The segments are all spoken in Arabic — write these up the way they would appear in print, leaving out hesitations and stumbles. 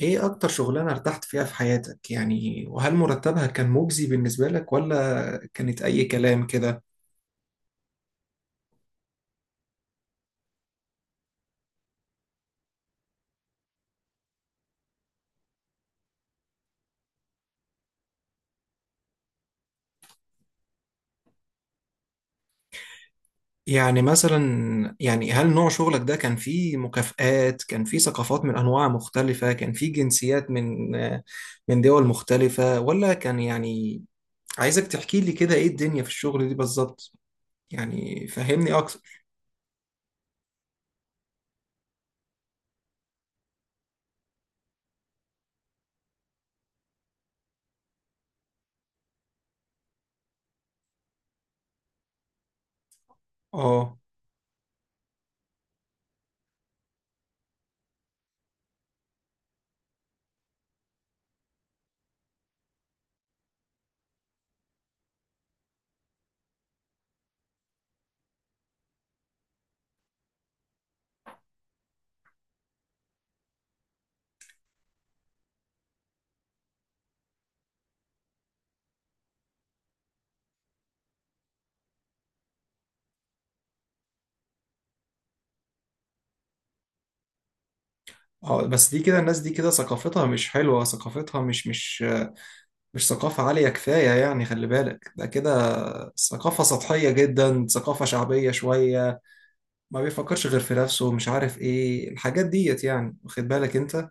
ايه اكتر شغلانة ارتحت فيها في حياتك، يعني؟ وهل مرتبها كان مجزي بالنسبة لك، ولا كانت اي كلام كده؟ يعني مثلا، يعني هل نوع شغلك ده كان فيه مكافآت؟ كان فيه ثقافات من انواع مختلفة؟ كان فيه جنسيات من دول مختلفة؟ ولا كان يعني؟ عايزك تحكي لي كده ايه الدنيا في الشغل دي بالظبط. يعني فهمني اكتر. اه، اه، بس دي كده الناس دي كده ثقافتها مش حلوة، ثقافتها مش ثقافة عالية كفاية، يعني. خلي بالك ده كده ثقافة سطحية جدا، ثقافة شعبية شوية. ما بيفكرش غير في نفسه، مش عارف ايه الحاجات ديت، يعني. واخد بالك انت؟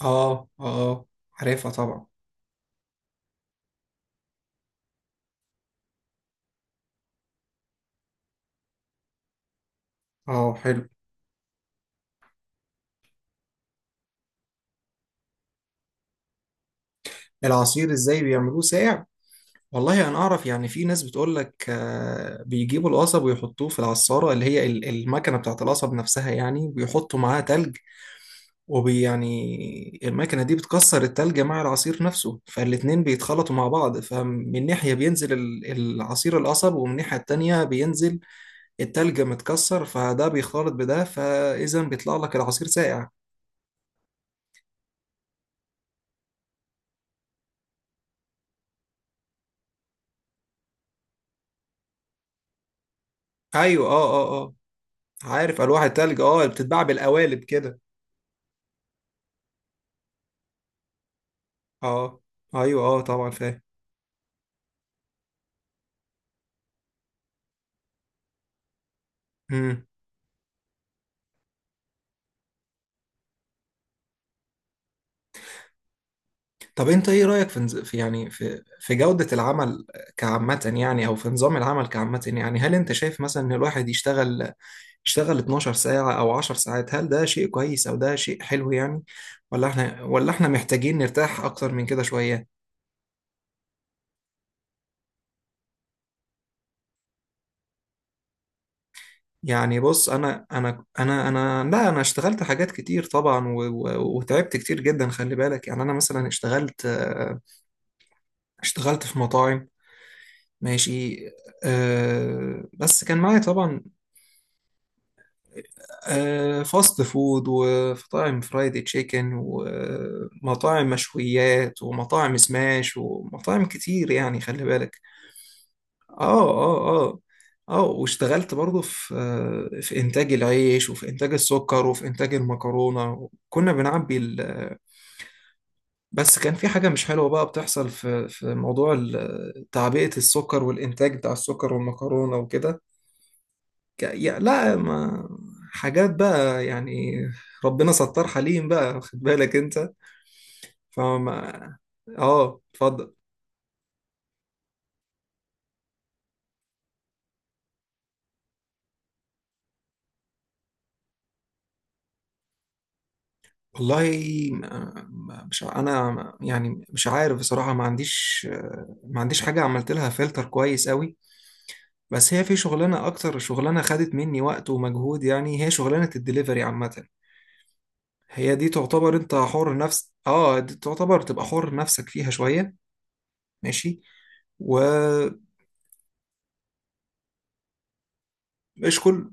اه، اه، عارفها طبعا. اه حلو. العصير ازاي بيعملوه ساقع؟ والله انا اعرف، يعني في ناس بتقول لك بيجيبوا القصب ويحطوه في العصارة اللي هي المكنة بتاعت القصب نفسها، يعني بيحطوا معاها تلج. ويعني المكنة دي بتكسر التلج مع العصير نفسه، فالاتنين بيتخلطوا مع بعض. فمن ناحية بينزل العصير القصب، ومن الناحية التانية بينزل التلج متكسر، فده بيخلط بده، فإذا بيطلع لك العصير ساقع. أيوة، أه، أه، أه، عارف ألواح التلج، أه، اللي بتتباع بالقوالب كده. أه، أيوة، أه، طبعا فاهم. مم. طب أنت إيه رأيك في في، يعني في جودة العمل كعامة، يعني؟ أو في نظام العمل كعامة، يعني؟ هل أنت شايف مثلا إن الواحد اشتغل 12 ساعة أو 10 ساعات؟ هل ده شيء كويس أو ده شيء حلو، يعني؟ ولا احنا، ولا احنا محتاجين نرتاح أكتر من كده شوية؟ يعني بص أنا، أنا أنا أنا لا أنا اشتغلت حاجات كتير طبعا، وتعبت كتير جدا، خلي بالك. يعني أنا مثلا اشتغلت، اشتغلت في مطاعم. ماشي. أه بس كان معايا طبعا. أه، فاست فود، ومطاعم فرايدي تشيكن، ومطاعم مشويات، ومطاعم سماش، ومطاعم كتير، يعني خلي بالك. اه، اه، اه، اه، واشتغلت برضه في، في انتاج العيش، وفي انتاج السكر، وفي انتاج المكرونه. كنا بنعبي ال... بس كان في حاجه مش حلوه بقى بتحصل في موضوع تعبئه السكر، والانتاج بتاع السكر والمكرونه وكده. لا، ما، حاجات بقى، يعني. ربنا ستار حليم بقى، خد بالك انت. فما. اه اتفضل. والله مش، انا يعني مش عارف بصراحه. ما عنديش، ما عنديش حاجه عملت لها فلتر كويس قوي. بس هي في شغلانه، اكتر شغلانه خدت مني وقت ومجهود، يعني هي شغلانه الدليفري عامه. هي دي تعتبر انت حر نفس اه دي تعتبر تبقى حر نفسك فيها شويه. ماشي. ومش كل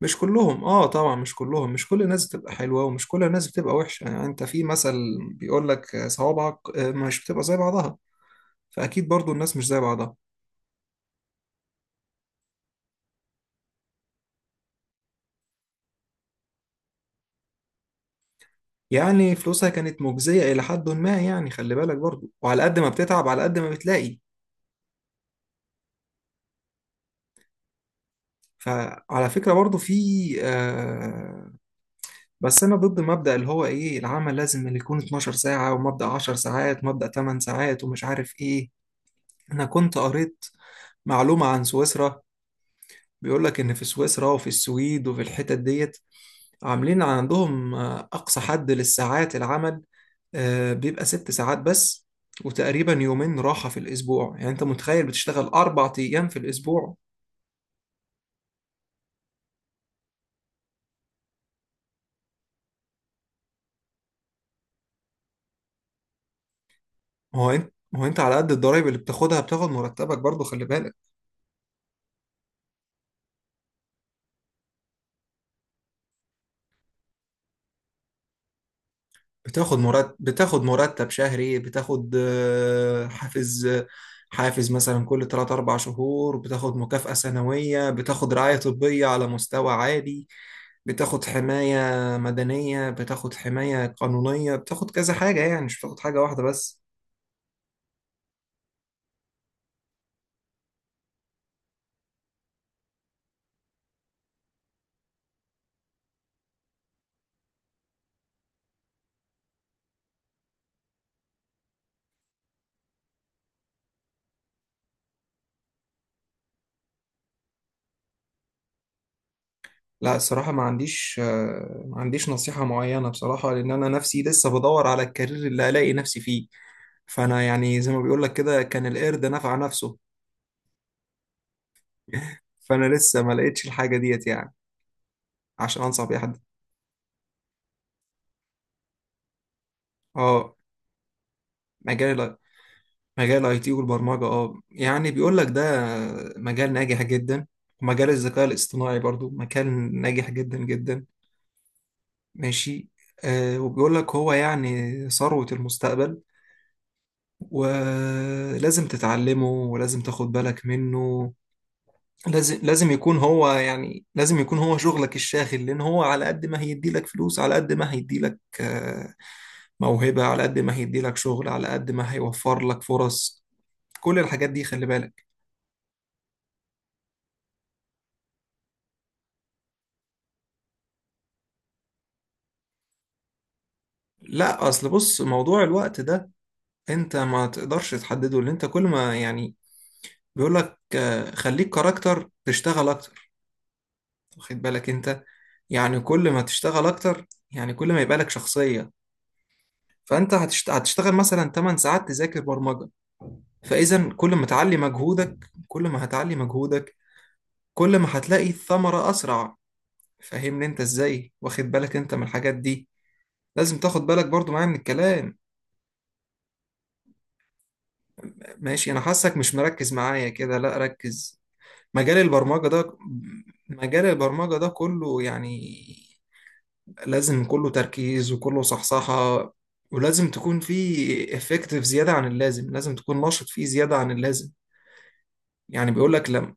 مش كلهم، اه طبعا مش كلهم. مش كل الناس بتبقى حلوه، ومش كل الناس بتبقى وحشه، يعني. انت في مثل بيقول لك صوابعك، مش بتبقى زي بعضها، فاكيد برضو الناس مش زي بعضها. يعني فلوسها كانت مجزية إلى حد ما، يعني خلي بالك برضو، وعلى قد ما بتتعب على قد ما بتلاقي. فعلى فكرة برضو في، آه، بس أنا ضد مبدأ اللي هو إيه العمل لازم اللي يكون 12 ساعة، ومبدأ 10 ساعات، ومبدأ 8 ساعات، ومش عارف إيه. أنا كنت قريت معلومة عن سويسرا، بيقول لك إن في سويسرا، وفي السويد، وفي الحتت ديت، عاملين عندهم، أقصى حد للساعات العمل، بيبقى 6 ساعات بس، وتقريبا يومين راحة في الأسبوع. يعني أنت متخيل بتشتغل 4 أيام في الأسبوع؟ هو أنت على قد الضرايب اللي بتاخدها بتاخد مرتبك برضو، خلي بالك. بتاخد مرتب، بتاخد مرتب شهري، بتاخد، حافز، حافز مثلا كل 3 4 شهور، بتاخد مكافأة سنوية، بتاخد رعاية طبية على مستوى عالي، بتاخد حماية مدنية، بتاخد حماية قانونية، بتاخد كذا حاجة، يعني مش بتاخد حاجة واحدة بس. لا الصراحة ما عنديش، ما عنديش نصيحة معينة بصراحة، لأن أنا نفسي لسه بدور على الكارير اللي ألاقي نفسي فيه. فأنا يعني زي ما بيقول لك كده، كان القرد نفع نفسه. فأنا لسه ما لقيتش الحاجة ديت، يعني، عشان أنصح بيها حد. اه، مجال ال- مجال الاي تي والبرمجة، اه، يعني بيقول لك ده مجال ناجح جدا، ومجال الذكاء الاصطناعي برضو مجال ناجح جدا جدا. ماشي. آه، وبيقول لك هو يعني ثروة المستقبل، ولازم تتعلمه، ولازم تاخد بالك منه. لازم يكون هو شغلك الشاغل، لأن هو على قد ما هيدي لك فلوس، على قد ما هيدي لك، آه، موهبة، على قد ما هيدي لك شغل، على قد ما هيوفر لك فرص. كل الحاجات دي خلي بالك. لا أصل بص موضوع الوقت ده أنت ما تقدرش تحدده، لأن أنت كل ما، يعني، بيقول لك، خليك كاركتر تشتغل أكتر، واخد بالك انت؟ يعني كل ما تشتغل اكتر، يعني كل ما يبقى لك شخصية. فانت هتشتغل مثلا 8 ساعات تذاكر برمجة. فاذا كل ما تعلي مجهودك، كل ما هتعلي مجهودك، كل ما هتلاقي الثمرة اسرع. فاهمني انت ازاي؟ واخد بالك انت من الحاجات دي؟ لازم تاخد بالك برضو معايا من الكلام. ماشي، انا حاسك مش مركز معايا كده. لا ركز، مجال البرمجة ده، كله يعني لازم كله تركيز، وكله صحصحة، ولازم تكون في افكتيف زيادة عن اللازم، لازم تكون نشط فيه زيادة عن اللازم. يعني بيقول لك لم.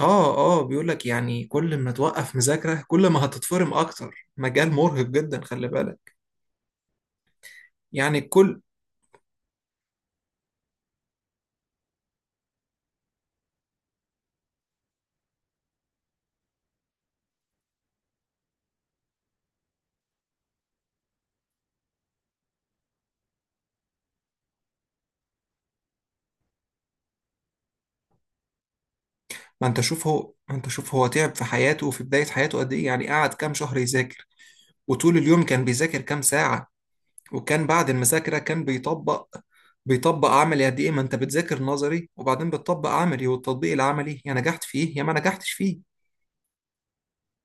اه، اه، بيقول لك يعني كل ما توقف مذاكرة، كل ما هتتفرم اكتر. مجال مرهق جدا، خلي بالك. يعني الكل. ما انت شوف هو تعب في حياته، وفي بداية حياته قد ايه، يعني قعد كام شهر يذاكر، وطول اليوم كان بيذاكر كام ساعة، وكان بعد المذاكرة كان بيطبق. بيطبق عملي قد إيه؟ ما أنت بتذاكر نظري، وبعدين بتطبق عملي، والتطبيق العملي يا نجحت فيه يا ما نجحتش فيه.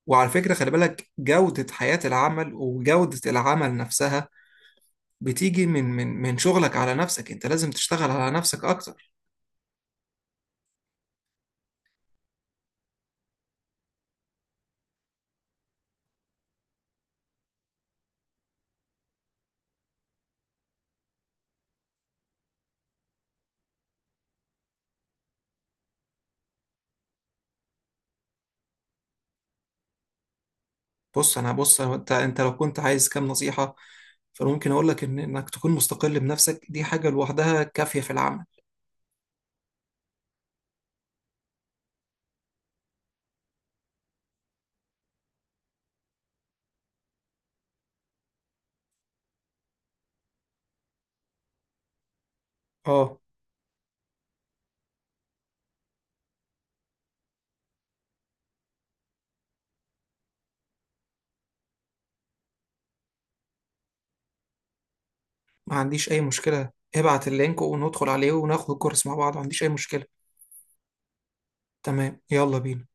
وعلى فكرة خلي بالك جودة حياة العمل وجودة العمل نفسها، بتيجي من شغلك على نفسك. أنت لازم تشتغل على نفسك أكتر. بص أنا، بص أنت لو كنت عايز كام نصيحة، فممكن أقول لك إنك تكون مستقل بنفسك، دي حاجة لوحدها كافية في العمل. أه ما عنديش أي مشكلة، ابعت اللينك وندخل عليه وناخد الكورس مع بعض. ما عنديش أي مشكلة. تمام، يلا بينا.